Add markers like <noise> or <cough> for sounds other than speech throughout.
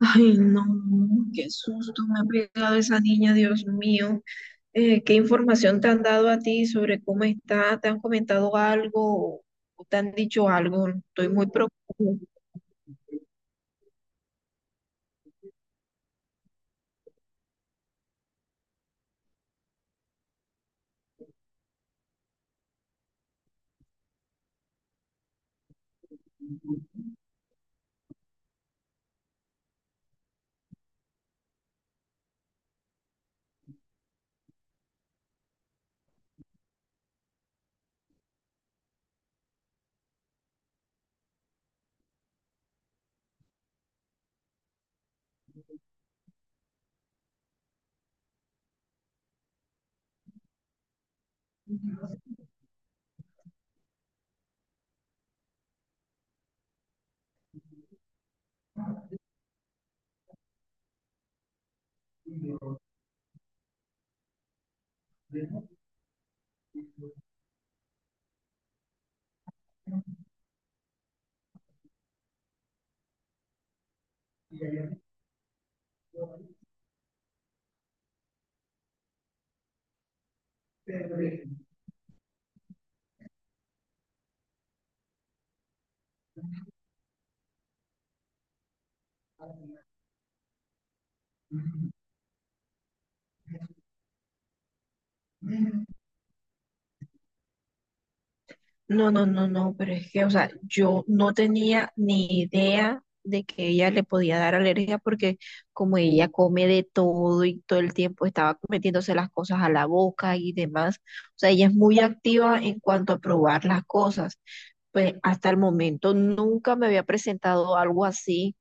Ay, no, qué susto me ha pegado esa niña, Dios mío. ¿Qué información te han dado a ti sobre cómo está? ¿Te han comentado algo o te han dicho algo? Estoy muy preocupada. No, no, no, no, pero es que, o sea, yo no tenía ni idea de que ella le podía dar alergia porque como ella come de todo y todo el tiempo estaba metiéndose las cosas a la boca y demás, o sea, ella es muy activa en cuanto a probar las cosas. Pues hasta el momento nunca me había presentado algo así.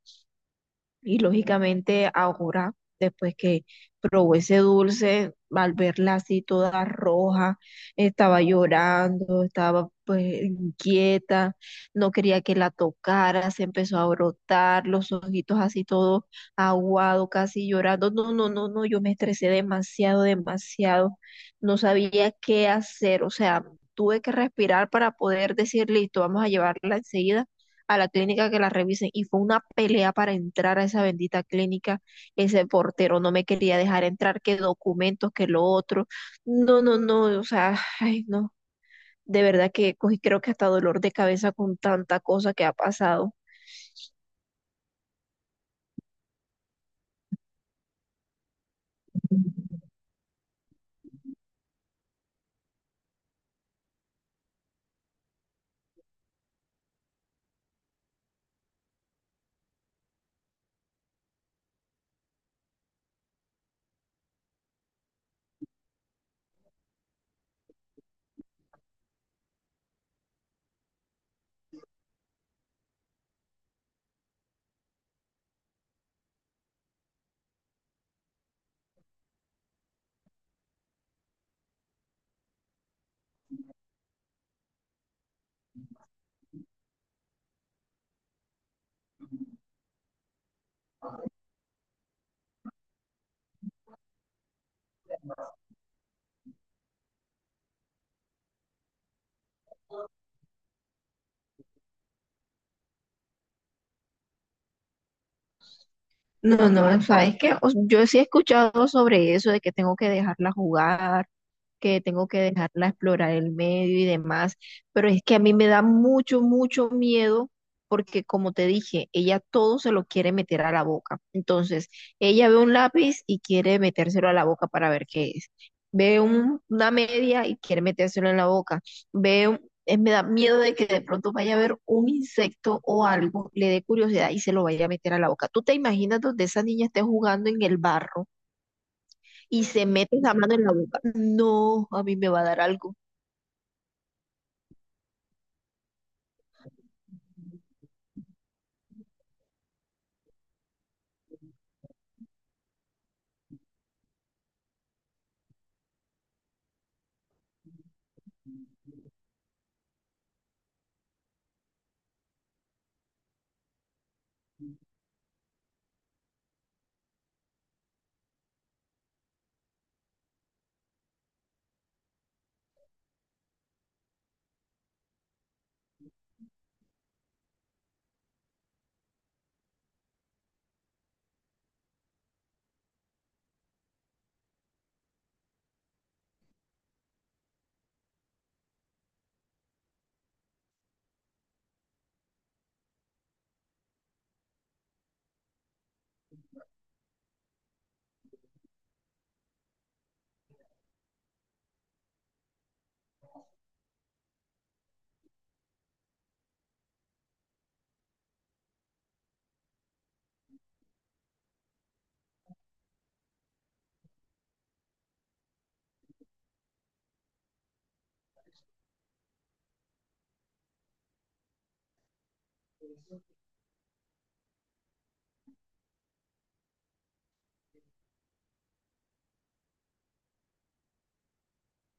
Y lógicamente ahora, después que probó ese dulce, al verla así toda roja, estaba llorando, estaba pues inquieta, no quería que la tocara, se empezó a brotar, los ojitos así todo aguado, casi llorando. No, no, no, no, yo me estresé demasiado, demasiado. No sabía qué hacer, o sea, tuve que respirar para poder decir, listo, vamos a llevarla enseguida a la clínica que la revisen y fue una pelea para entrar a esa bendita clínica. Ese portero no me quería dejar entrar, que documentos, que lo otro. No, no, no, o sea, <sighs> ay, no. De verdad que cogí, creo que hasta dolor de cabeza con tanta cosa que ha pasado. No, no, sabes que yo sí he escuchado sobre eso de que tengo que dejarla jugar, que tengo que dejarla explorar el medio y demás, pero es que a mí me da mucho, mucho miedo porque como te dije, ella todo se lo quiere meter a la boca. Entonces, ella ve un lápiz y quiere metérselo a la boca para ver qué es. Ve una media y quiere metérselo en la boca. Ve un- Me da miedo de que de pronto vaya a ver un insecto o algo, le dé curiosidad y se lo vaya a meter a la boca. ¿Tú te imaginas donde esa niña esté jugando en el barro y se mete la mano en la boca? No, a mí me va a dar algo.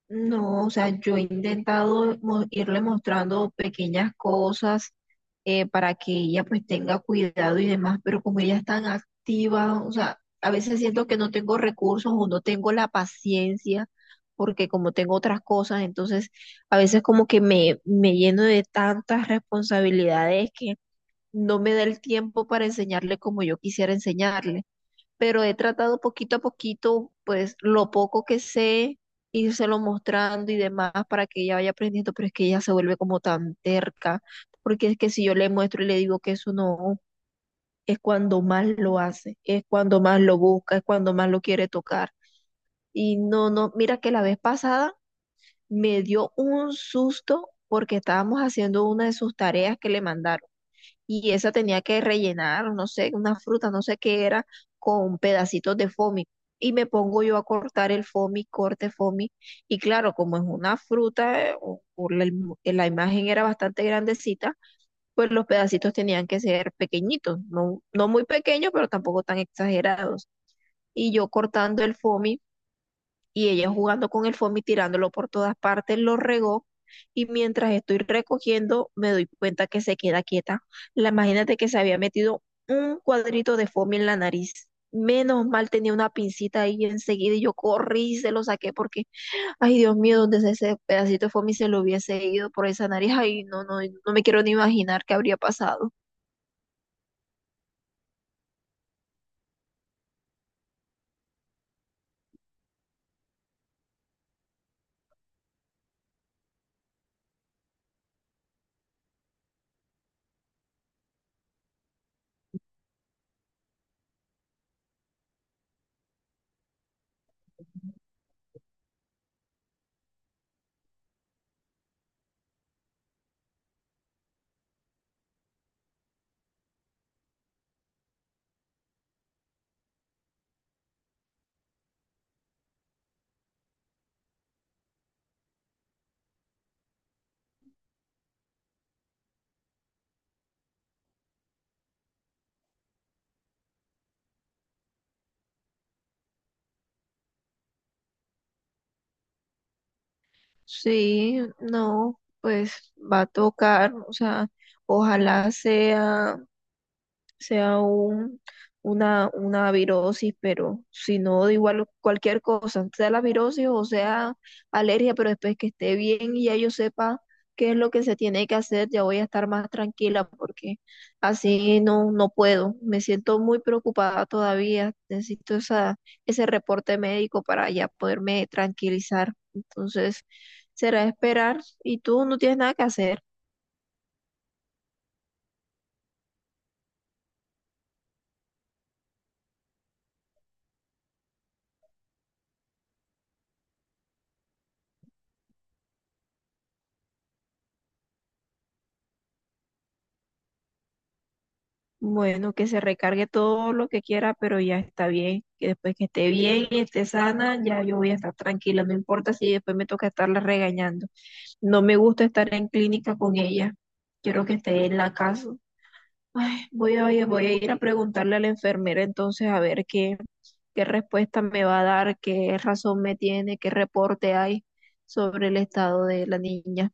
No, o sea, yo he intentado irle mostrando pequeñas cosas para que ella pues tenga cuidado y demás, pero como ella es tan activa, o sea, a veces siento que no tengo recursos o no tengo la paciencia, porque como tengo otras cosas, entonces a veces como que me lleno de tantas responsabilidades que no me da el tiempo para enseñarle como yo quisiera enseñarle. Pero he tratado poquito a poquito, pues lo poco que sé, írselo mostrando y demás para que ella vaya aprendiendo, pero es que ella se vuelve como tan terca, porque es que si yo le muestro y le digo que eso no, es cuando más lo hace, es cuando más lo busca, es cuando más lo quiere tocar. Y no, no, mira que la vez pasada me dio un susto porque estábamos haciendo una de sus tareas que le mandaron y esa tenía que rellenar, no sé, una fruta, no sé qué era, con pedacitos de foamy. Y me pongo yo a cortar el foamy, corte foamy. Y claro, como es una fruta, o la imagen era bastante grandecita, pues los pedacitos tenían que ser pequeñitos, no, no muy pequeños, pero tampoco tan exagerados. Y yo cortando el foamy y ella jugando con el foamy, tirándolo por todas partes, lo regó. Y mientras estoy recogiendo, me doy cuenta que se queda quieta. La imagínate que se había metido un cuadrito de foamy en la nariz. Menos mal tenía una pincita ahí enseguida y yo corrí y se lo saqué porque, ay Dios mío, donde ese pedacito de foamy se lo hubiese ido por esa nariz, ay, no, no, no me quiero ni imaginar qué habría pasado. Sí, no, pues va a tocar, o sea, ojalá sea una virosis, pero si no, da igual cualquier cosa, sea la virosis o sea alergia, pero después que esté bien y ya yo sepa qué es lo que se tiene que hacer, ya voy a estar más tranquila porque así no, no puedo. Me siento muy preocupada todavía, necesito ese reporte médico para ya poderme tranquilizar. Entonces, será esperar y tú no tienes nada que hacer. Bueno, que se recargue todo lo que quiera, pero ya está bien. Que después que esté bien y esté sana, ya yo voy a estar tranquila. No importa si después me toca estarla regañando. No me gusta estar en clínica con ella. Quiero que esté en la casa. Ay, voy a ir a preguntarle a la enfermera entonces a ver qué, qué respuesta me va a dar, qué razón me tiene, qué reporte hay sobre el estado de la niña.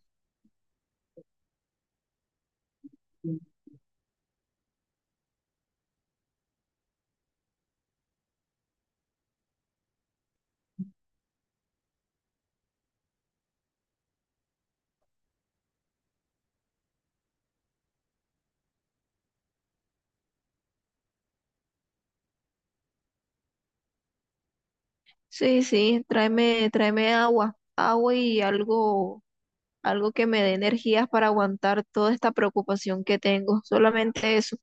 Sí, sí, tráeme, tráeme agua, algo que me dé energías para aguantar toda esta preocupación que tengo, solamente eso.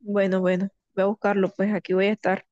Bueno, bueno, voy a buscarlo, pues aquí voy a estar.